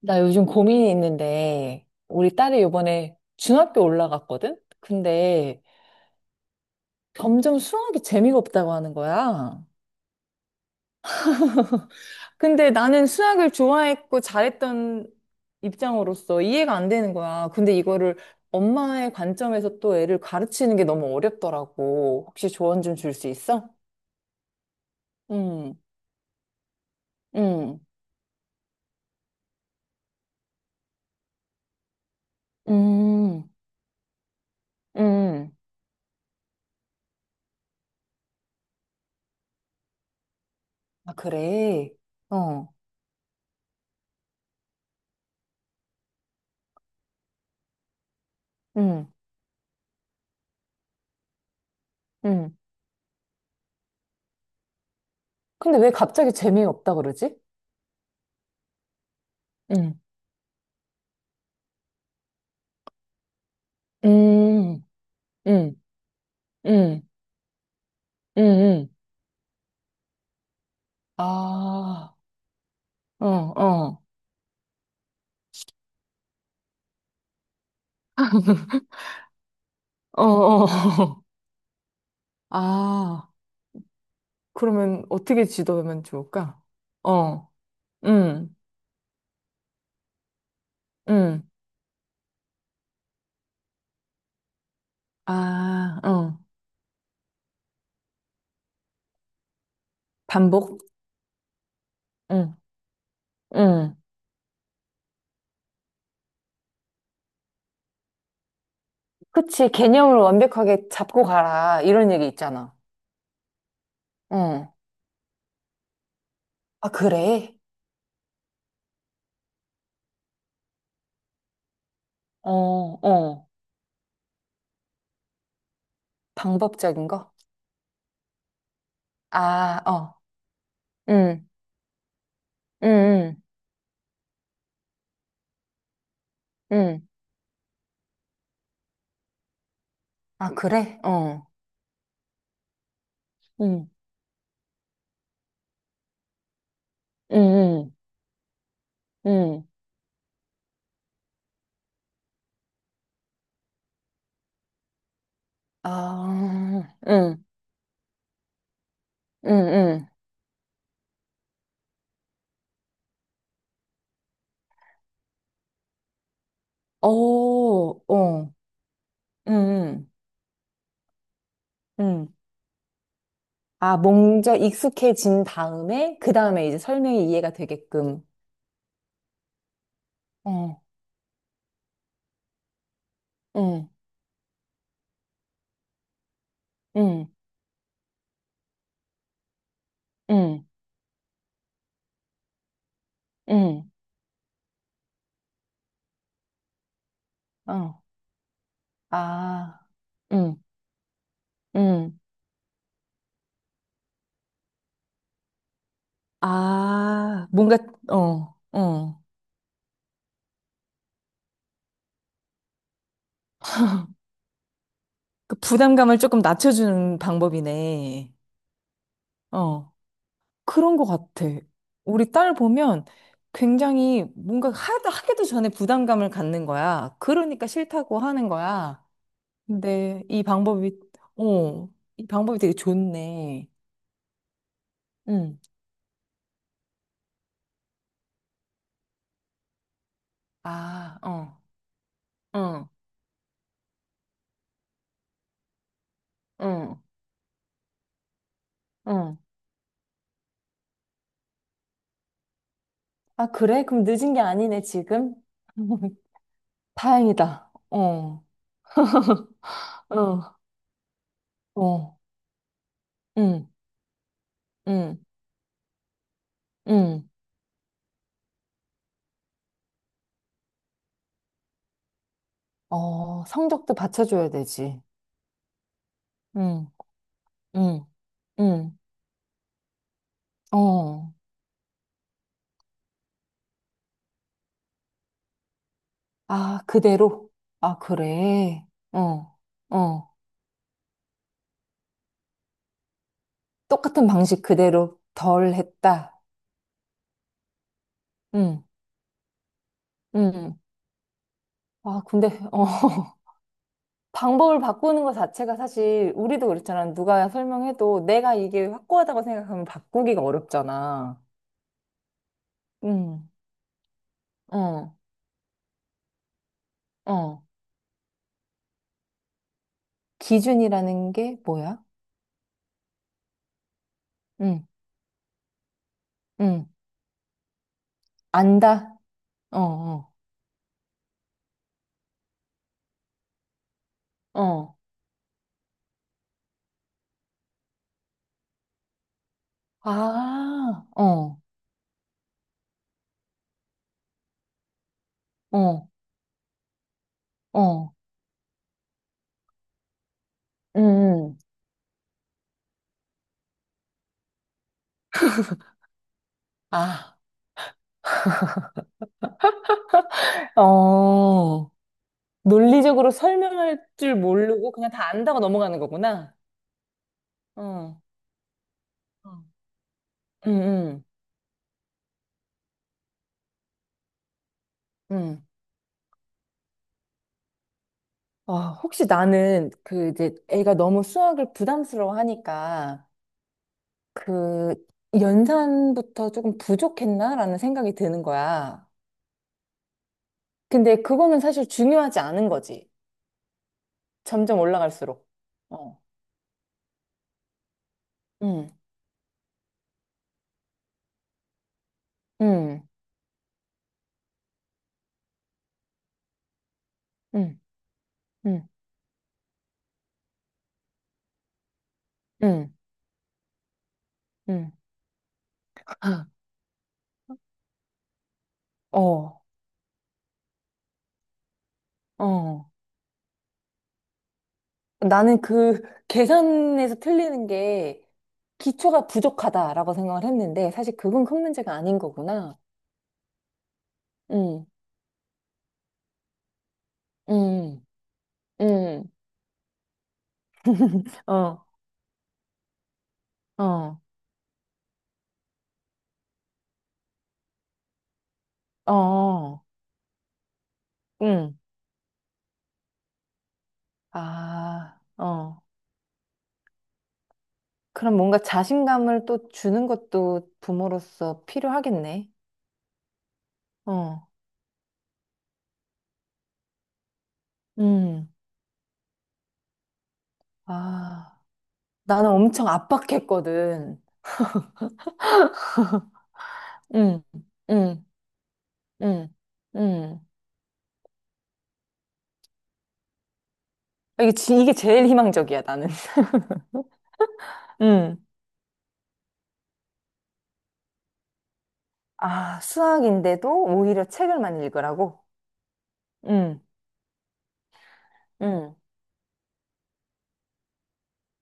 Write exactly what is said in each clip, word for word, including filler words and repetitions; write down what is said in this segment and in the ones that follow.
나 요즘 고민이 있는데, 우리 딸이 요번에 중학교 올라갔거든? 근데 점점 수학이 재미가 없다고 하는 거야. 근데 나는 수학을 좋아했고 잘했던 입장으로서 이해가 안 되는 거야. 근데 이거를 엄마의 관점에서 또 애를 가르치는 게 너무 어렵더라고. 혹시 조언 좀 줄 수 있어? 응, 응, 응, 응. 아, 그래. 어, 응, 응. 근데 왜 갑자기 재미가 없다 그러지? 응. 음, 음, 음, 음, 음. 아, 어, 어, 어, 어. 아, 그러면 어떻게 지도하면 좋을까? 어, 음, 음. 아, 어. 반복? 응, 응. 그치, 개념을 완벽하게 잡고 가라. 이런 얘기 있잖아. 응, 아, 그래? 어, 어. 방법적인 거? 아, 어. 응, 응, 응, 응. 아, 그래? 어, 응, 응, 응. 응, 아, 응, 응, 응. 어, 어, 응, 응. 응. 아, 먼저 익숙해진 다음에, 그 다음에 이제 설명이 이해가 되게끔. 어, 응, 응, 응, 응, 어, 아, 응, 응. 아, 뭔가, 어, 어. 그 부담감을 조금 낮춰주는 방법이네. 어, 그런 것 같아. 우리 딸 보면 굉장히 뭔가 하, 하기도 전에 부담감을 갖는 거야. 그러니까 싫다고 하는 거야. 근데 이 방법이, 어, 이 방법이 되게 좋네. 응. 아, 어, 응, 응, 응. 아, 그래? 그럼 늦은 게 아니네, 지금? 다행이다. 어, 어, 어, 응, 응, 응. 어, 성적도 받쳐줘야 되지. 응, 응, 응, 어. 아, 그대로? 아, 그래. 어, 어. 똑같은 방식 그대로 덜 했다. 응, 응. 아, 근데, 어. 방법을 바꾸는 것 자체가 사실 우리도 그렇잖아. 누가 설명해도 내가 이게 확고하다고 생각하면 바꾸기가 어렵잖아. 응, 어, 어. 기준이라는 게 뭐야? 응, 응. 안다? 어, 어, 어. 아, 어, 어, 어. 응, 응. 아. 어, 논리적으로 설명할 줄 모르고 그냥 다 안다고 넘어가는 거구나. 어. 어. 응, 응, 응. 아, 혹시 나는 그 이제 애가 너무 수학을 부담스러워 하니까 그 연산부터 조금 부족했나라는 생각이 드는 거야. 근데 그거는 사실 중요하지 않은 거지. 점점 올라갈수록. 어. 응, 응, 응, 응, 응, 응. 어, 어. 나는 그 계산에서 틀리는 게 기초가 부족하다라고 생각을 했는데 사실 그건 큰 문제가 아닌 거구나. 응, 응, 응. 어, 어, 어, 응. 아, 어. 그럼 뭔가 자신감을 또 주는 것도 부모로서 필요하겠네. 어, 음. 아, 나는 엄청 압박했거든. 응, 응, 응, 응. 이게, 지- 이게 제일 희망적이야, 나는. 응. 아, 수학인데도 오히려 책을 많이 읽으라고? 응, 응.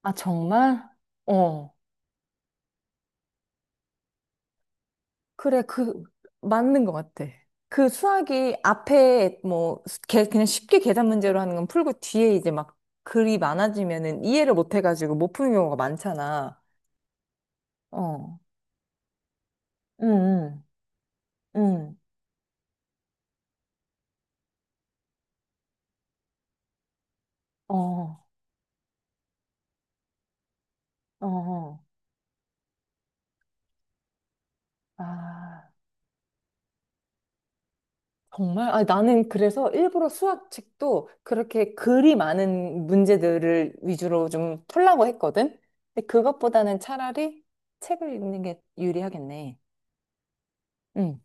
아, 정말? 어. 그래, 그, 맞는 것 같아. 그 수학이 앞에 뭐, 수- 개- 그냥 쉽게 계산 문제로 하는 건 풀고 뒤에 이제 막 글이 많아지면은 이해를 못 해가지고 못 푸는 경우가 많잖아. 어. 응, 응, 응. 어, 어. 어. 아. 정말? 아, 나는 그래서 일부러 수학책도 그렇게 글이 많은 문제들을 위주로 좀 풀라고 했거든? 근데 그것보다는 차라리 책을 읽는 게 유리하겠네. 응.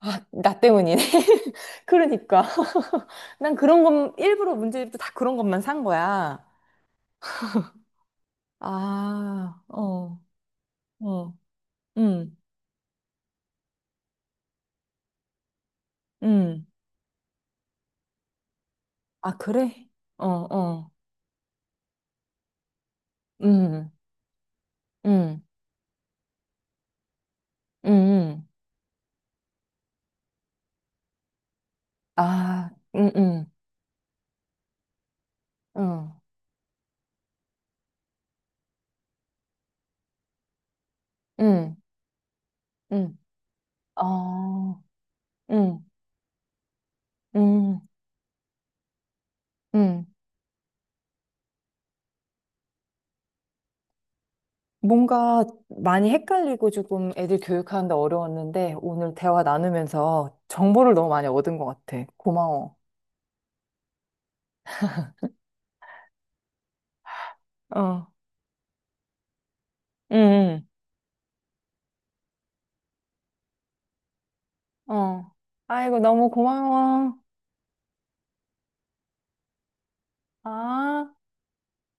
아, 나 때문이네. 그러니까. 난 그런 건, 일부러 문제집도 다 그런 것만 산 거야. 아, 어, 어, 음, 음. 아, 그래? 어, 어, 음, 음, 음, 음. 아, 음, 음, 어, 음, 음. 아, 음, 음, 음. 뭔가 많이 헷갈리고 조금 애들 교육하는데 어려웠는데 오늘 대화 나누면서 정보를 너무 많이 얻은 것 같아. 고마워. 어, 음, 음. 어. 아이고, 너무 고마워. 아.